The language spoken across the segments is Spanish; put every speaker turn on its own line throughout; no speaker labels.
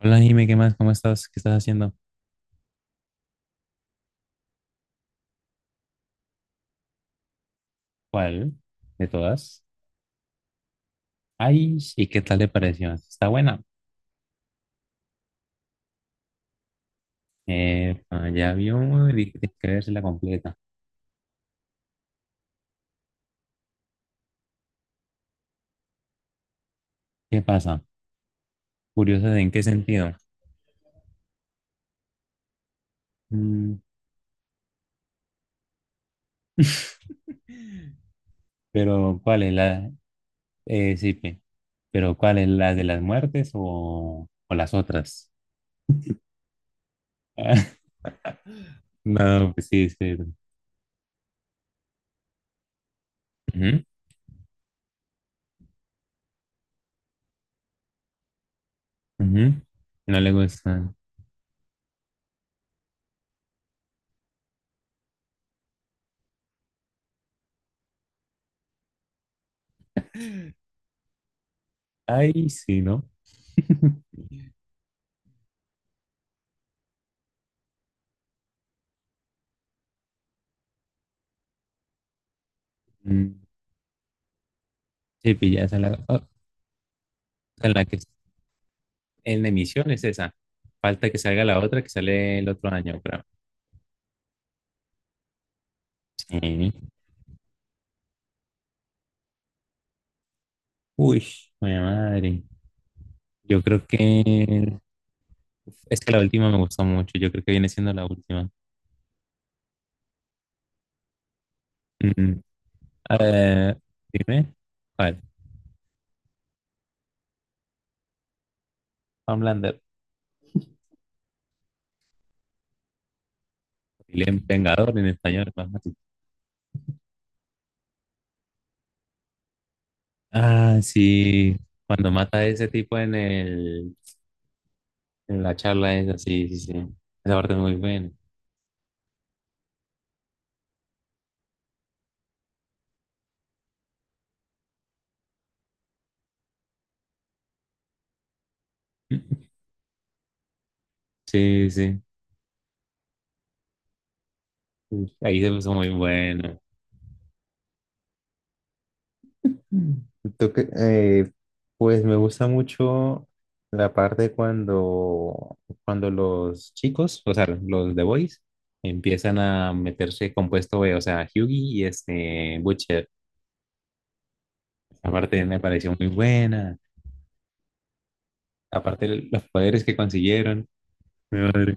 Hola, Jime, ¿qué más? ¿Cómo estás? ¿Qué estás haciendo? ¿Cuál de todas? Ay, ¿y qué tal le pareció? Está buena. Eh, ya vio, dije que tienes que vérsela completa. ¿Qué pasa? Curiosa de en qué sentido. Mm, pero, ¿cuál es la? Sí, pero ¿cuál es la de las muertes o las otras? No, pues sí, sí. Ujú, ujú. No le gustan. Ay, sí, ¿no? Mm, sí, pilla, esa es la, oh, esa es la que en la emisión es esa. Falta que salga la otra que sale el otro año, creo. Sí. Uy, mi madre. Yo creo que es que la última me gustó mucho. Yo creo que viene siendo la última. Mm, eh, dime. ¿Cuál? Homelander. El Vengador en español. Más fácil. Ah, sí. Cuando mata a ese tipo en el, en la charla es así, sí, sí. Esa parte es muy buena. Sí, sí. Ahí se puso muy bueno. Mm. Tú que- eh, pues me gusta mucho la parte cuando, cuando los chicos, o sea, los The Boys, empiezan a meterse compuesto B, o sea, Hyugi y este Butcher. Aparte me pareció muy buena, aparte los poderes que consiguieron. Mi madre.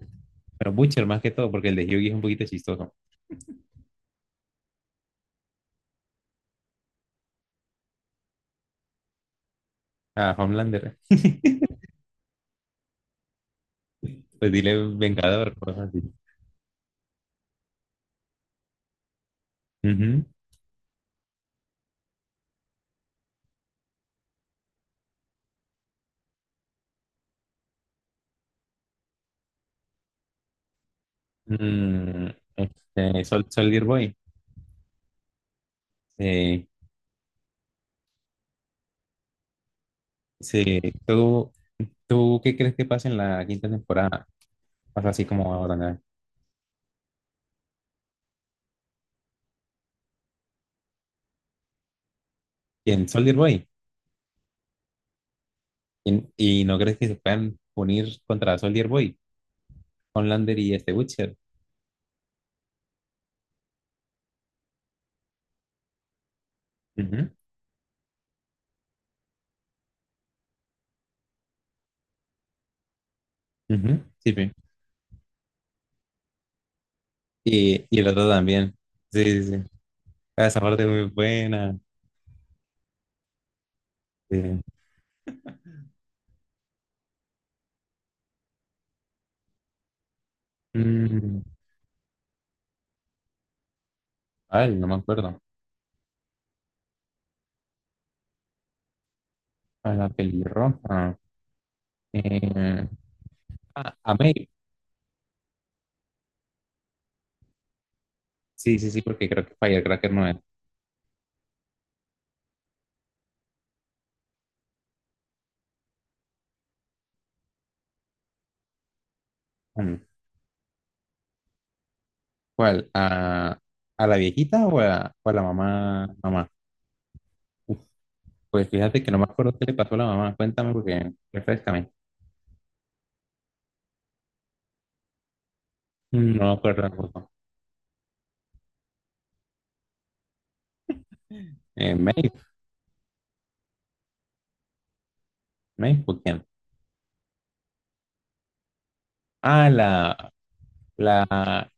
Pero Butcher más que todo, porque el de Hyugi es un poquito chistoso. Ah, Homelander, pues dile Vengador, cosas así. Ujú. Mm, este, Soldier Boy. Eh, Sí, ¿tú, ¿Tú qué crees que pase en la quinta temporada? Pasa así como ahora, ¿no? ¿Y en Soldier Boy? ¿Y, y no crees que se puedan unir contra Soldier Boy? Homelander y este Witcher. Ujú, ujú, sí, sí. Y el otro también. Sí, sí, sí. Ah, esa parte es muy buena. Sí. Mm, ay, no me acuerdo. A la pelirroja. Eh, ah, a May. Sí, sí, sí, porque creo que Firecracker no es. Mm, ¿cuál? A la viejita o a la mamá, mamá? Pues fíjate que no me acuerdo qué le pasó a la mamá. Cuéntame porque refrescame. Mm, no me acuerdo tampoco. May, May, ¿por quién? Ah, la,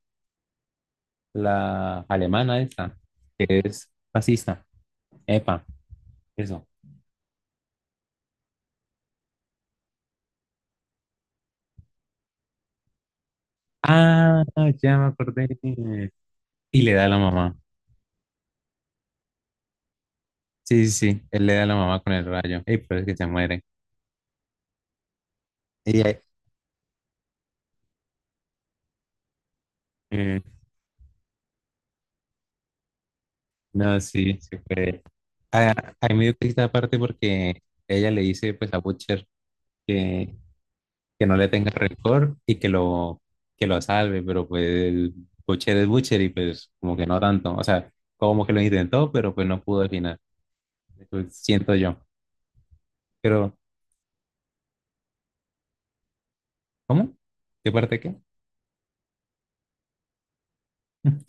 la alemana esa, que es fascista. Epa, eso. Ah, ya me acordé. Y le da a la mamá. Sí, sí, sí. Él le da a la mamá con el rayo. Y pero es que se muere. Y ahí- eh, no, sí, se fue. Ah, ahí me dio esta aparte porque ella le dice pues a Butcher, que que no le tenga rencor y que lo salve, pero pues el Butcher es Butcher y pues como que no tanto, o sea, como que lo intentó, pero pues no pudo al final. Pues, siento yo. Pero, ¿cómo? ¿Qué parte qué?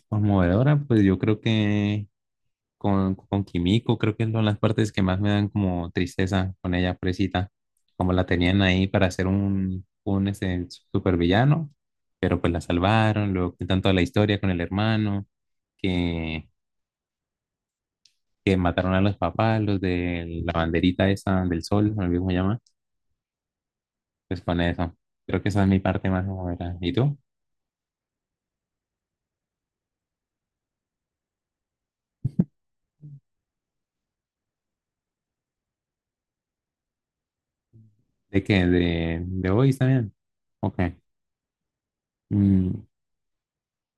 Conmovedora, pues yo creo que con Kimiko, creo que son las partes que más me dan como tristeza con ella, presita, como la tenían ahí para hacer un este, supervillano, pero pues la salvaron, luego tanto la historia con el hermano, que que mataron a los papás, los de la banderita esa del sol, no mismo llama, pues con eso. Creo que esa es mi parte más novela. ¿Y tú? ¿De qué? De hoy también? Ok. Mm,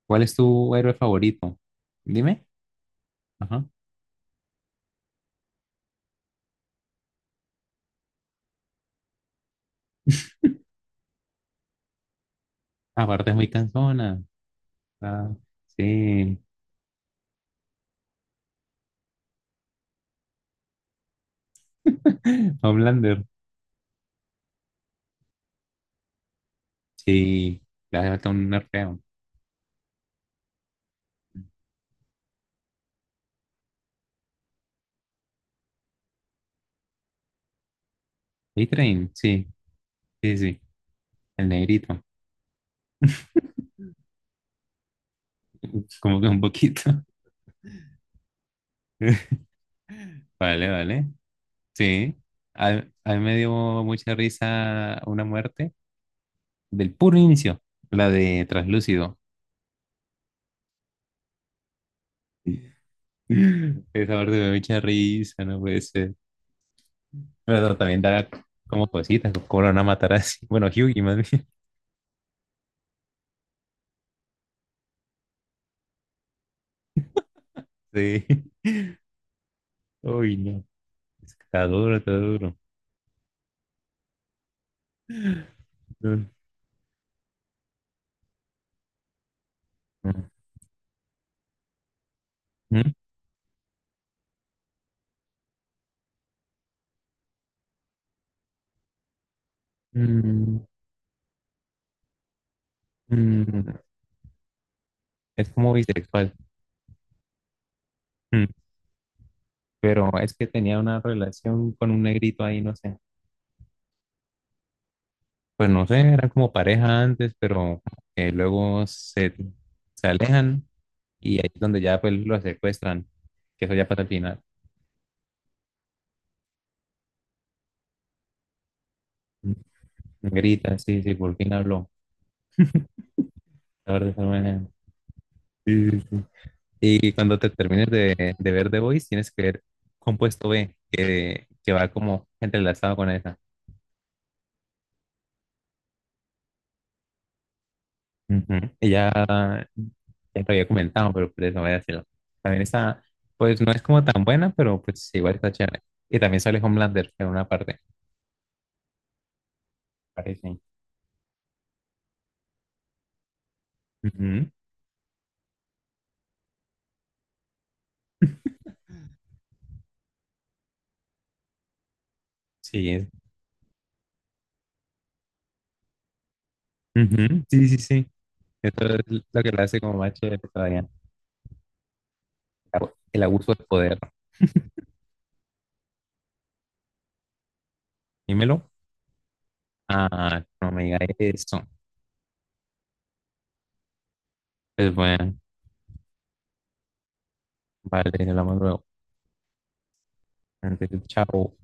¿cuál es tu héroe favorito? Dime. Ajá. Aparte es muy cansona. Ah, sí. Homelander. Sí. Le hace falta un nerfeo. A-Train. Sí. Sí, sí. El negrito. Como que un poquito. Vale, vale. Sí, a mí me dio mucha risa una muerte del puro inicio, la de Traslúcido. Esa muerte me dio mucha risa, no puede ser. Pero también da como cositas, cómo lo van a matar así. Bueno, Hyugi más bien. Sí. Uy, no. Está duro, está duro. Mm, mm, mm, mm. Es como bisexual. Mm. Pero es que tenía una relación con un negrito ahí, no sé. Pues no sé, eran como pareja antes, pero luego se, se alejan y ahí es donde ya pues lo secuestran, que eso ya pasa al final. Grita, sí, sí, por fin habló. La verdad, esa manera. Sí, sí, sí. Y cuando te termines de ver The Voice, tienes que ver Compuesto B, que va como entrelazado con esa. Ujú. Y ya, ya lo había comentado, pero por eso voy a decirlo. También está, pues no es como tan buena, pero pues igual está chévere. Y también sale Homelander en una parte. Parece. Ujú, sí, ujú, sí, sí, sí. Esto es lo que lo hace como más chévere todavía. El abuso de poder. Dímelo. Ah, no me diga eso. Pues bueno, vale, hablamos luego. Entonces, chao.